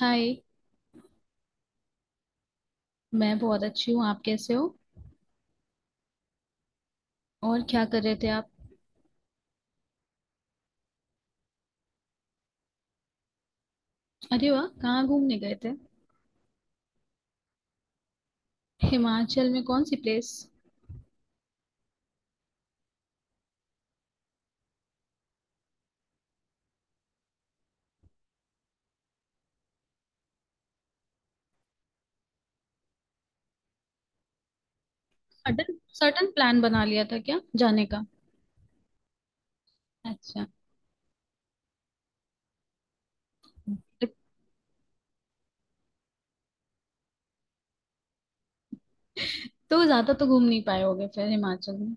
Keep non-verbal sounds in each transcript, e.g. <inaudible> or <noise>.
हाय। मैं बहुत अच्छी हूँ। आप कैसे हो? और क्या कर रहे थे आप? अरे वाह, कहाँ घूमने गए थे? हिमाचल में कौन सी प्लेस? सडन सडन प्लान बना लिया था क्या जाने का? अच्छा। तो ज्यादा तो घूम नहीं पाए होगे फिर हिमाचल में?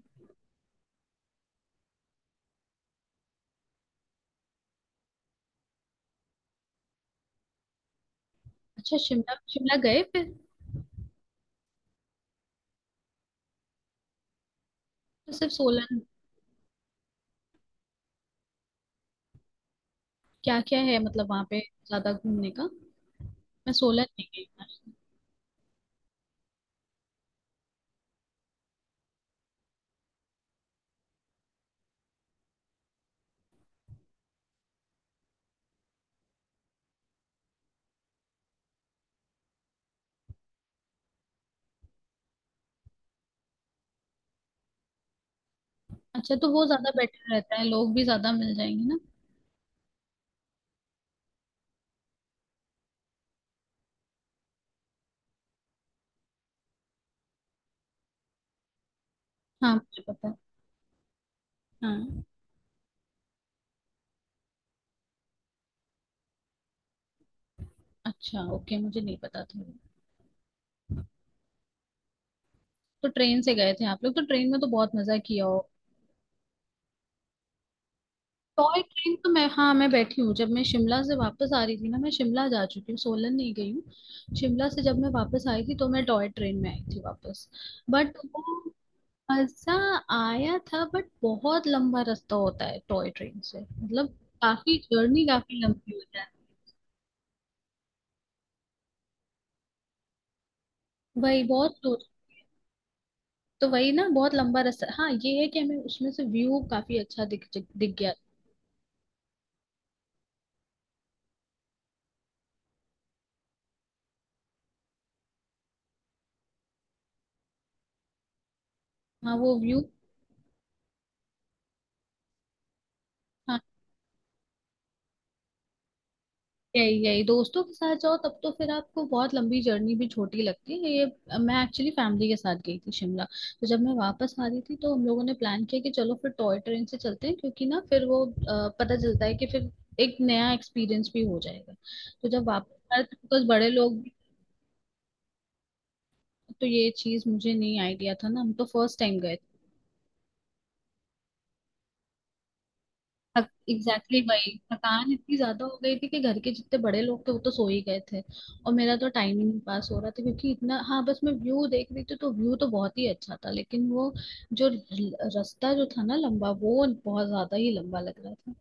अच्छा, शिमला शिमला गए फिर? तो सिर्फ सोलन? क्या क्या है मतलब वहाँ पे, ज्यादा घूमने का? मैं सोलन नहीं गई हूँ। अच्छा, तो वो ज्यादा बेटर रहता है, लोग भी ज्यादा मिल जाएंगे ना? हाँ, मुझे पता है। हाँ। अच्छा, ओके, मुझे नहीं पता था। तो ट्रेन से गए थे आप लोग? तो ट्रेन में तो बहुत मजा किया हो। टॉय ट्रेन तो मैं हाँ मैं बैठी हूँ, जब मैं शिमला से वापस आ रही थी ना। मैं शिमला जा चुकी हूँ, सोलन नहीं गई हूँ। शिमला से जब मैं वापस आई थी तो मैं टॉय ट्रेन में आई थी वापस। बट वो, मजा आया था, बट बहुत लंबा रास्ता होता है टॉय ट्रेन से, मतलब काफी जर्नी, काफी लंबी हो जाती है वही बहुत, तो वही ना, बहुत लंबा रास्ता। हाँ, ये है कि हमें उसमें से व्यू काफी अच्छा दिख दिख गया। हाँ, वो व्यू। यही यही, दोस्तों के साथ जाओ तब तो फिर आपको बहुत लंबी जर्नी भी छोटी लगती है, ये। मैं एक्चुअली फैमिली के साथ गई थी शिमला। तो जब मैं वापस आ रही थी तो हम लोगों ने प्लान किया कि चलो फिर टॉय ट्रेन से चलते हैं, क्योंकि ना फिर वो पता चलता है कि फिर एक नया एक्सपीरियंस भी हो जाएगा। तो जब वापस आए तो बस, बड़े लोग। तो ये चीज मुझे नहीं आइडिया था ना, हम तो फर्स्ट टाइम गए। Exactly, exactly। वही थकान इतनी ज्यादा हो गई थी कि घर के जितने बड़े लोग थे वो तो सो ही गए थे, और मेरा तो टाइम ही नहीं पास हो रहा था, क्योंकि इतना, हाँ, बस मैं व्यू देख रही थी, तो व्यू तो बहुत ही अच्छा था, लेकिन वो जो रास्ता जो था ना, लंबा, वो बहुत ज्यादा ही लंबा लग रहा था।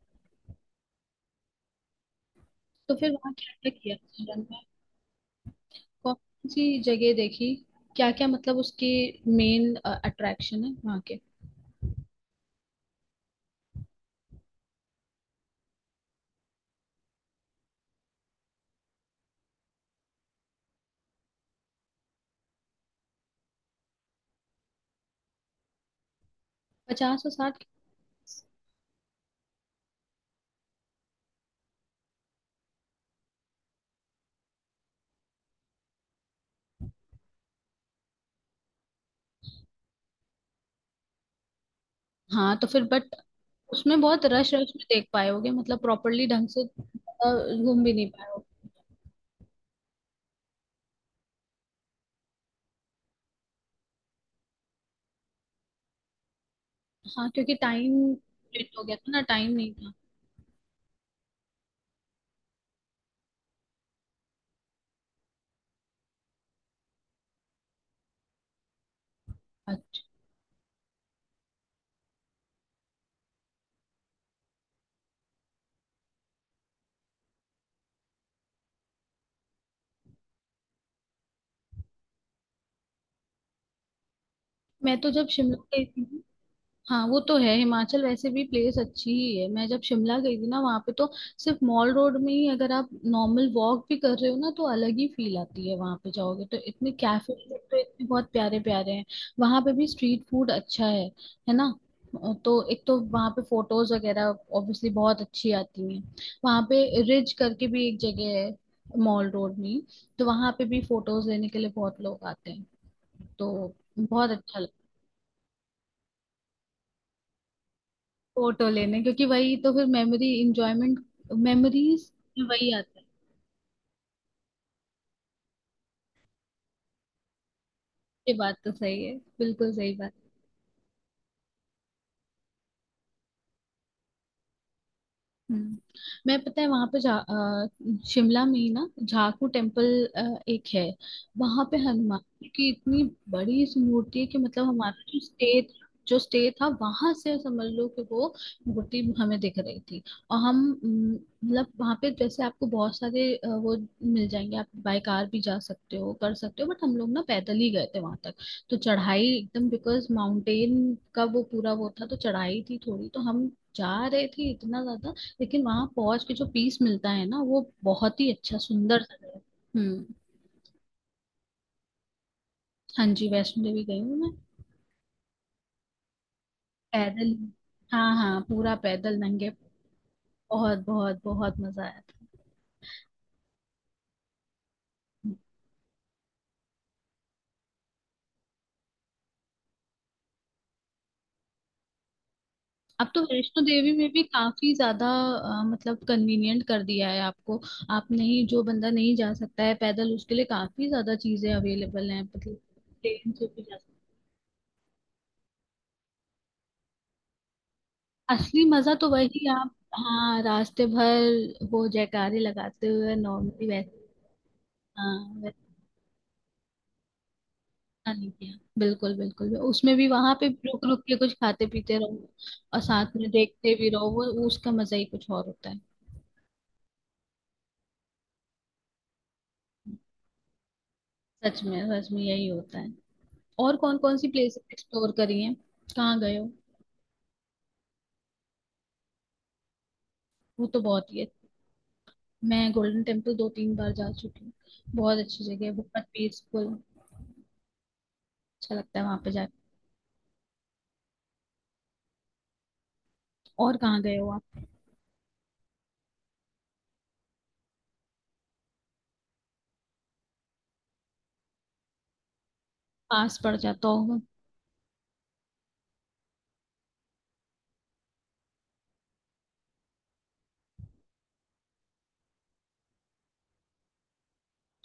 तो फिर वहाँ क्या क्या किया सोलन में? कौन सी जगह देखी? क्या क्या मतलब उसके मेन अट्रैक्शन है वहाँ के? 50 और 60? हाँ, तो फिर बट उसमें बहुत रश रश में देख पाए होगे, मतलब प्रॉपरली ढंग से, घूम भी नहीं पाए होगे? हाँ, क्योंकि टाइम लेट हो गया था ना, टाइम नहीं था। अच्छा। मैं तो जब शिमला गई थी, हाँ वो तो है, हिमाचल वैसे भी प्लेस अच्छी ही है। मैं जब शिमला गई थी ना वहां पे, तो सिर्फ मॉल रोड में ही अगर आप नॉर्मल वॉक भी कर रहे हो ना, तो अलग ही फील आती है। वहां पे जाओगे तो इतने कैफे, तो इतने बहुत प्यारे प्यारे हैं। वहां पे भी स्ट्रीट फूड अच्छा है ना? तो एक तो वहां पे फोटोज वगैरह ऑब्वियसली बहुत अच्छी आती हैं। वहां पे, रिज करके भी एक जगह है मॉल रोड में ही, तो वहां पे भी फोटोज लेने के लिए बहुत लोग आते हैं। तो बहुत अच्छा। फोटो लेने, क्योंकि वही तो फिर मेमोरी, इंजॉयमेंट, मेमोरीज, वही आता है। ये बात तो सही है, बिल्कुल सही बात। हम्म, मैं पता है वहां पे जा, शिमला में ही ना, झाकू टेम्पल, अ, एक है। वहां पे हनुमान जी की इतनी बड़ी इस मूर्ति है कि, मतलब हमारा जो स्टेट, जो स्टे था वहां से समझ लो कि वो मूर्ति हमें दिख रही थी। और हम, हम्म, मतलब वहां पे जैसे आपको बहुत सारे वो मिल जाएंगे, आप बाय कार भी जा सकते हो, कर सकते हो, बट हम लोग ना पैदल ही गए थे वहां तक। तो चढ़ाई एकदम, बिकॉज माउंटेन का वो पूरा वो था, तो चढ़ाई थी थोड़ी, तो हम जा रहे थे इतना ज्यादा। लेकिन वहां पहुंच के जो पीस मिलता है ना, वो बहुत ही अच्छा, सुंदर सा है, हम्म। हाँ जी, वैष्णो देवी गई हूँ मैं। पैदल, हाँ हाँ, पूरा पैदल, नंगे। बहुत बहुत बहुत मजा आया था। अब तो वैष्णो देवी में भी काफी ज्यादा मतलब कन्वीनियंट कर दिया है आपको। आप नहीं, जो बंदा नहीं जा सकता है पैदल, उसके लिए काफी ज्यादा चीजें अवेलेबल हैं, मतलब ट्रेन से भी जा सकते। असली मजा तो वही, आप, हाँ, रास्ते भर वो जयकारे लगाते हुए, नॉर्मली वैसे। हाँ। हाँ, नहीं किया, बिल्कुल बिल्कुल। उसमें भी वहां पे रुक रुक के कुछ खाते पीते रहो, और साथ में देखते भी रहो, वो उसका मजा ही कुछ और होता है। सच में, सच में यही होता है। और कौन कौन सी प्लेसेस एक्सप्लोर करी हैं, कहाँ गए हो? वो तो बहुत ही है। मैं गोल्डन टेम्पल दो तीन बार जा चुकी हूँ। बहुत अच्छी जगह है, बहुत पीसफुल। अच्छा लगता है वहां पे जाके। और कहाँ गए हो आप? पास पड़ जाता होगा।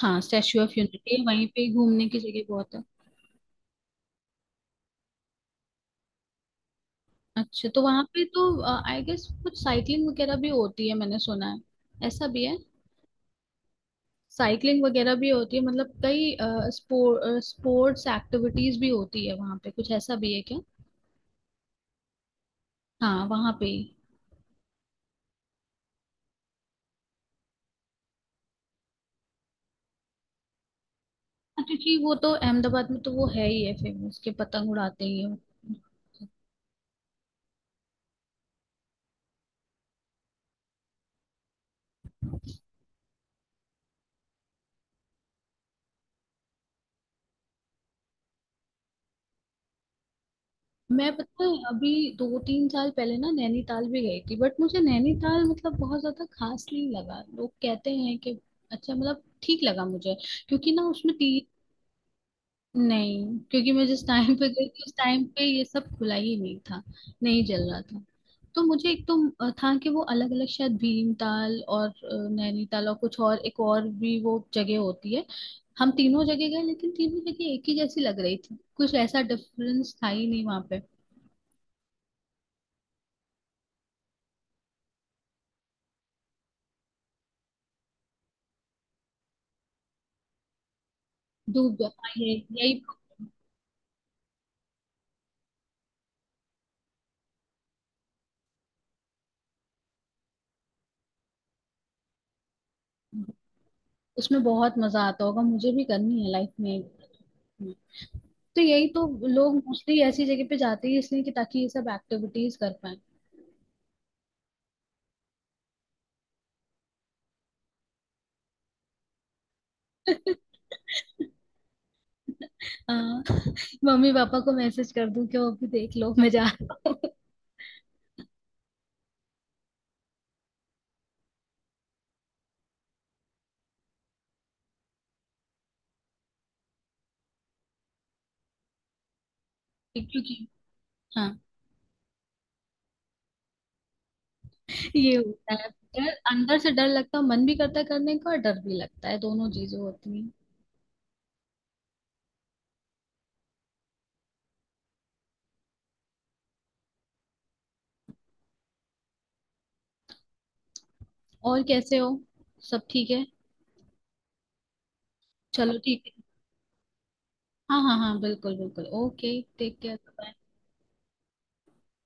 हाँ, स्टैच्यू ऑफ यूनिटी, वहीं पे घूमने की जगह बहुत है। अच्छा, तो वहां पे तो आई गेस कुछ साइकिलिंग वगैरह भी होती है, मैंने सुना है, ऐसा भी है? साइकिलिंग वगैरह भी होती है मतलब, कई स्पोर्ट्स एक्टिविटीज भी होती है वहां पे? कुछ ऐसा भी है क्या? हाँ, वहां पे ही। हाँ, क्योंकि वो तो अहमदाबाद में तो वो है ही है, फेमस के पतंग उड़ाते ही हैं। मैं पता है अभी दो तीन साल पहले ना नैनीताल भी गई थी, बट मुझे नैनीताल मतलब बहुत ज्यादा खास नहीं लगा। लोग कहते हैं कि अच्छा, मतलब ठीक लगा मुझे। क्योंकि ना उसमें तीन, नहीं, क्योंकि मैं जिस टाइम पे गई थी उस टाइम पे ये सब खुला ही नहीं था, नहीं चल रहा था। तो मुझे एक तो था कि वो अलग अलग शायद भीमताल और नैनीताल और कुछ और, एक और भी वो जगह होती है। हम तीनों जगह गए, लेकिन तीनों जगह एक ही जैसी लग रही थी, कुछ ऐसा डिफरेंस था ही नहीं वहां पे। धूप, हाँ, ये यही। उसमें बहुत मजा आता होगा, मुझे भी करनी है लाइफ में एक। तो यही तो लोग मोस्टली ऐसी जगह पे जाते हैं, इसलिए कि ताकि ये सब एक्टिविटीज कर पाए। <laughs> <laughs> हाँ, मम्मी पापा को मैसेज कर दूं कि वो भी देख लो, मैं जा रहा हूँ। <laughs> क्योंकि, हाँ, ये होता है। डर, अंदर से डर लगता है, मन भी करता है करने का और डर भी लगता है, दोनों चीजें होती हैं। और कैसे हो, सब ठीक है? चलो, ठीक है। हाँ हाँ हाँ, बिल्कुल बिल्कुल, ओके, टेक केयर, बाय।